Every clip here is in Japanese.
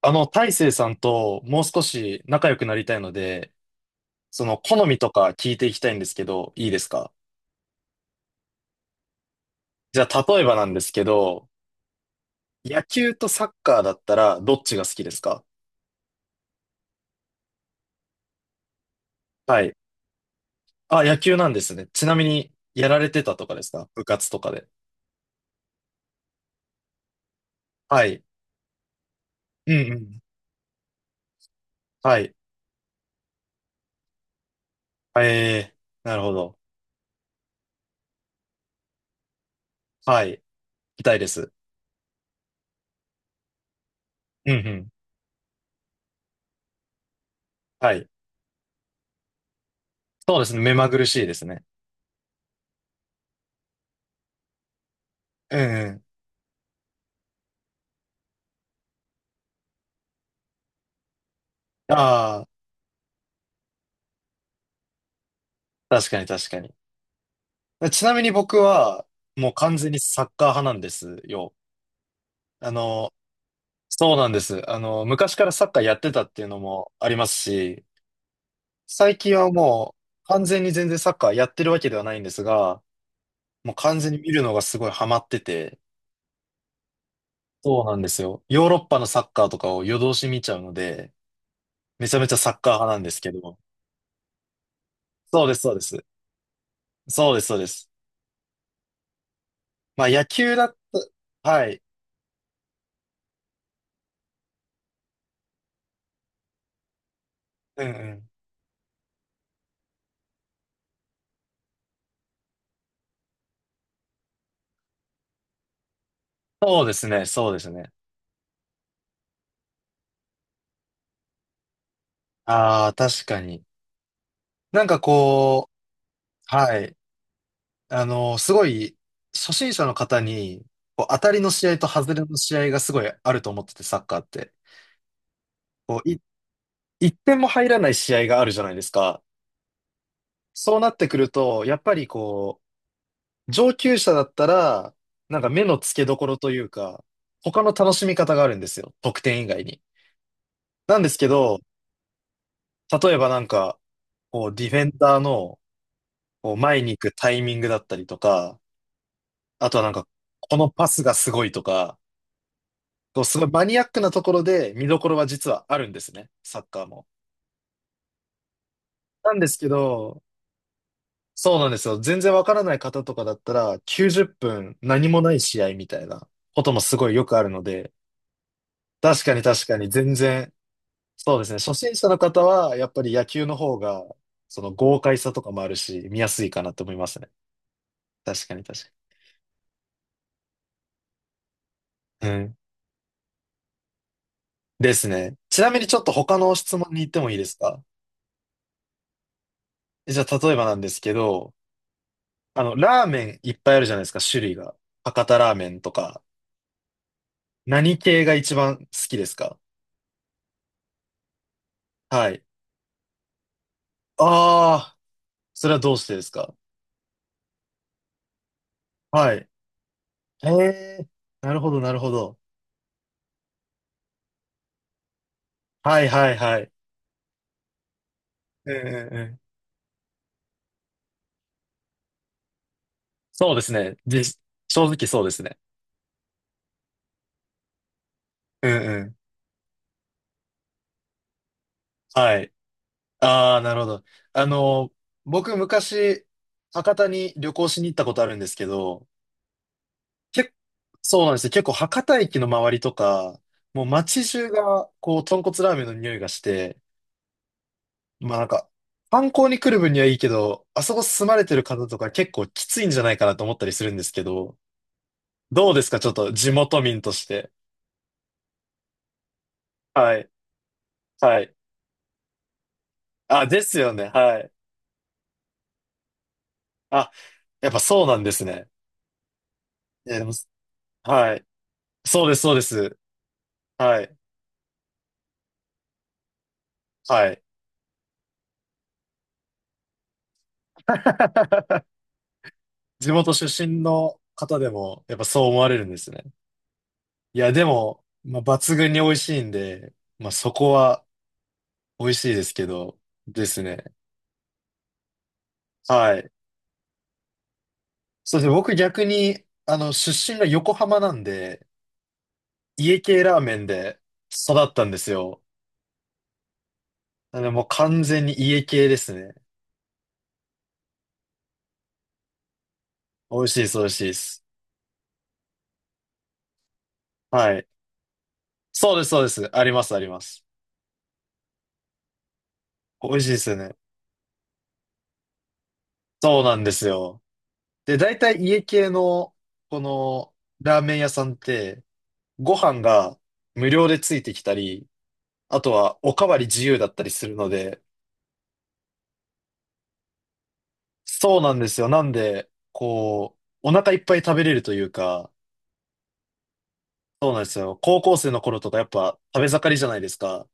大成さんともう少し仲良くなりたいので、その好みとか聞いていきたいんですけど、いいですか？じゃあ、例えばなんですけど、野球とサッカーだったらどっちが好きですか？はい。あ、野球なんですね。ちなみに、やられてたとかですか？部活とかで。はい。うんうん。はい。ええ、なるほど。はい。痛いです。うんうん。はい。そうですね。目まぐるしいですね。うんうん。ああ、確かに確かに。ちなみに僕は、もう完全にサッカー派なんですよ。あの、そうなんです。昔からサッカーやってたっていうのもありますし、最近はもう完全に全然サッカーやってるわけではないんですが、もう完全に見るのがすごいハマってて、そうなんですよ。ヨーロッパのサッカーとかを夜通し見ちゃうので、めちゃめちゃサッカー派なんですけど、そうです、そうです。そうです、そうです。まあ野球だった、はい。うんうん。そうですね、そうですね。ああ、確かに。なんかこはい。すごい、初心者の方に、こう、当たりの試合と外れの試合がすごいあると思ってて、サッカーって。こう、い、一点も入らない試合があるじゃないですか。そうなってくると、やっぱりこう、上級者だったら、なんか目の付けどころというか、他の楽しみ方があるんですよ。得点以外に。なんですけど、例えばなんか、こう、ディフェンダーの、こう、前に行くタイミングだったりとか、あとはなんか、このパスがすごいとか、こうすごいマニアックなところで見どころは実はあるんですね、サッカーも。なんですけど、そうなんですよ。全然わからない方とかだったら、90分何もない試合みたいなこともすごいよくあるので、確かに確かに全然、そうですね。初心者の方は、やっぱり野球の方が、その豪快さとかもあるし、見やすいかなと思いますね。確かに確かに。うん。ですね。ちなみにちょっと他の質問に行ってもいいですか？じゃあ、例えばなんですけど、ラーメンいっぱいあるじゃないですか、種類が。博多ラーメンとか。何系が一番好きですか？はい。ああ、それはどうしてですか？はい。へえ、なるほど、なるほど。はい、はい、はい。うんうんうん。そうですね。で、正直そうですね。うんうん。はい。ああ、なるほど。あの、僕昔、博多に旅行しに行ったことあるんですけど、けそうなんですよ。結構博多駅の周りとか、もう街中が、こう、豚骨ラーメンの匂いがして、まあなんか、観光に来る分にはいいけど、あそこ住まれてる方とか結構きついんじゃないかなと思ったりするんですけど、どうですか？ちょっと地元民として。はい。はい。あ、ですよね。はい。あ、やっぱそうなんですね。いや、でも、はい。そうです、そうです。はい。はい。地元出身の方でも、やっぱそう思われるんですね。いや、でも、まあ、抜群に美味しいんで、まあ、そこは美味しいですけど、ですね。はい。そして僕逆に、出身が横浜なんで、家系ラーメンで育ったんですよ。なのでもう完全に家系ですね。美味しいです、美味しいです。はい。そうです、そうです。あります、あります。美味しいですよね。そうなんですよ。で、大体家系の、この、ラーメン屋さんって、ご飯が無料でついてきたり、あとは、おかわり自由だったりするので、そうなんですよ。なんで、こう、お腹いっぱい食べれるというか、そうなんですよ。高校生の頃とかやっぱ食べ盛りじゃないですか。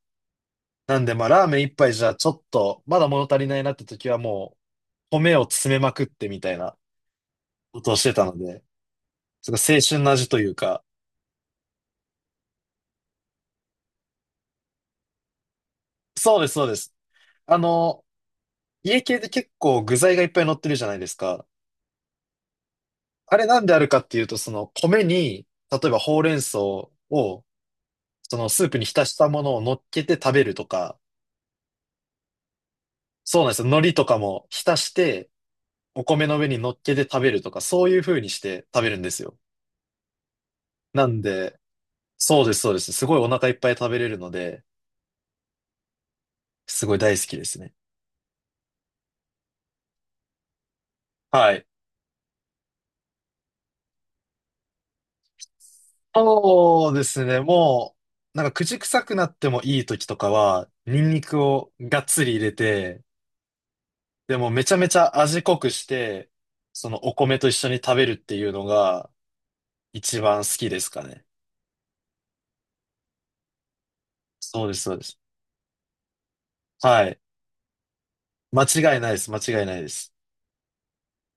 なんで、まあ、ラーメン一杯じゃちょっと、まだ物足りないなって時はもう、米を詰めまくってみたいなことをしてたので、すごい青春の味というか、そうです、そうです。あの、家系で結構具材がいっぱい乗ってるじゃないですか。あれなんであるかっていうと、その米に、例えばほうれん草をそのスープに浸したものを乗っけて食べるとか、そうなんですよ。海苔とかも浸して、お米の上に乗っけて食べるとか、そういう風にして食べるんですよ。なんで、そうです、そうです。すごいお腹いっぱい食べれるので、すごい大好きですね。はい。そうですね。もう、なんか口臭くなってもいい時とかは、ニンニクをがっつり入れて、でもめちゃめちゃ味濃くして、そのお米と一緒に食べるっていうのが一番好きですかね。そうです、そうです。はい。間違いないです。間違いないです。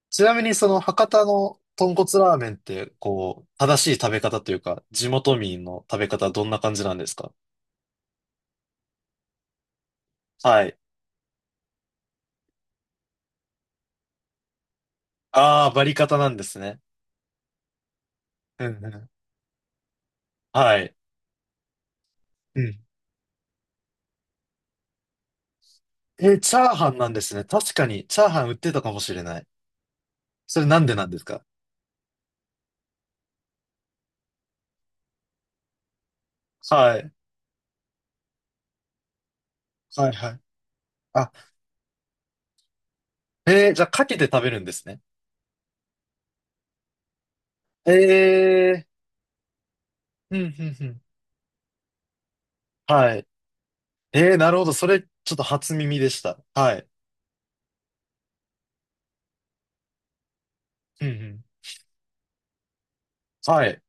ちなみにその博多の豚骨ラーメンって、こう、正しい食べ方というか、地元民の食べ方はどんな感じなんですか？はい。ああ、バリカタなんですね。うんうん。はい。うん。え、チャーハンなんですね。確かに、チャーハン売ってたかもしれない。それなんでなんですか？はい。はいはい。あ、えー、じゃあ、かけて食べるんですね。えー、うんうんうん。はい。えー、なるほど。それ、ちょっと初耳でした。はい。うんうん。はい。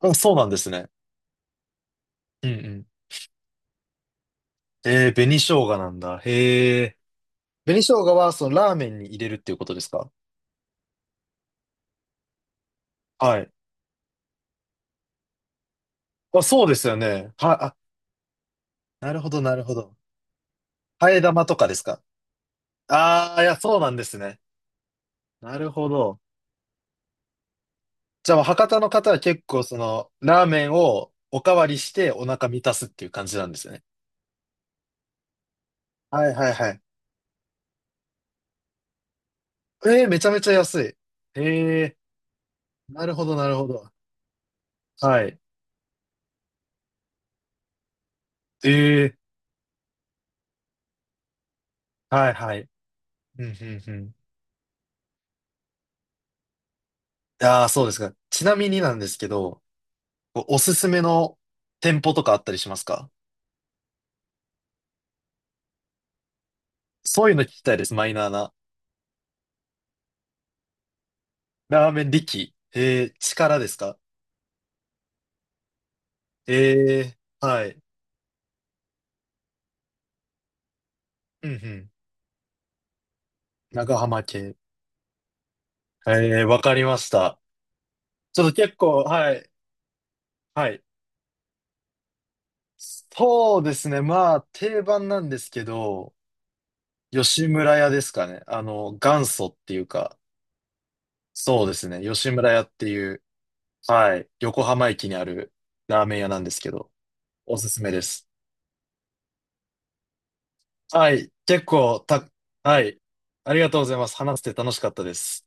あ、そうなんですね。うんうん。えー、紅生姜なんだ。へえ。紅生姜は、そのラーメンに入れるっていうことですか？はい。あ、そうですよね。はい、あ、なるほど、なるほど。替え玉とかですか？ああー、いや、そうなんですね。なるほど。じゃあ、博多の方は結構、その、ラーメンをおかわりしてお腹満たすっていう感じなんですね。はいはいはい。えー、めちゃめちゃ安い。ええ、なるほど、なるほど。はい。ええ、はいはい。うんうんうん。ああ、そうですか。ちなみになんですけど、こうおすすめの店舗とかあったりしますか？そういうの聞きたいです、マイナーな。ラーメン力。えー、力ですか？えー、はい。うんうん。長浜系。えー、わかりました。ちょっと結構、はい、はい。そうですね。まあ、定番なんですけど、吉村屋ですかね。元祖っていうか、そうですね。吉村屋っていう、はい、横浜駅にあるラーメン屋なんですけど、おすすめです。はい。結構た、はい。ありがとうございます。話して楽しかったです。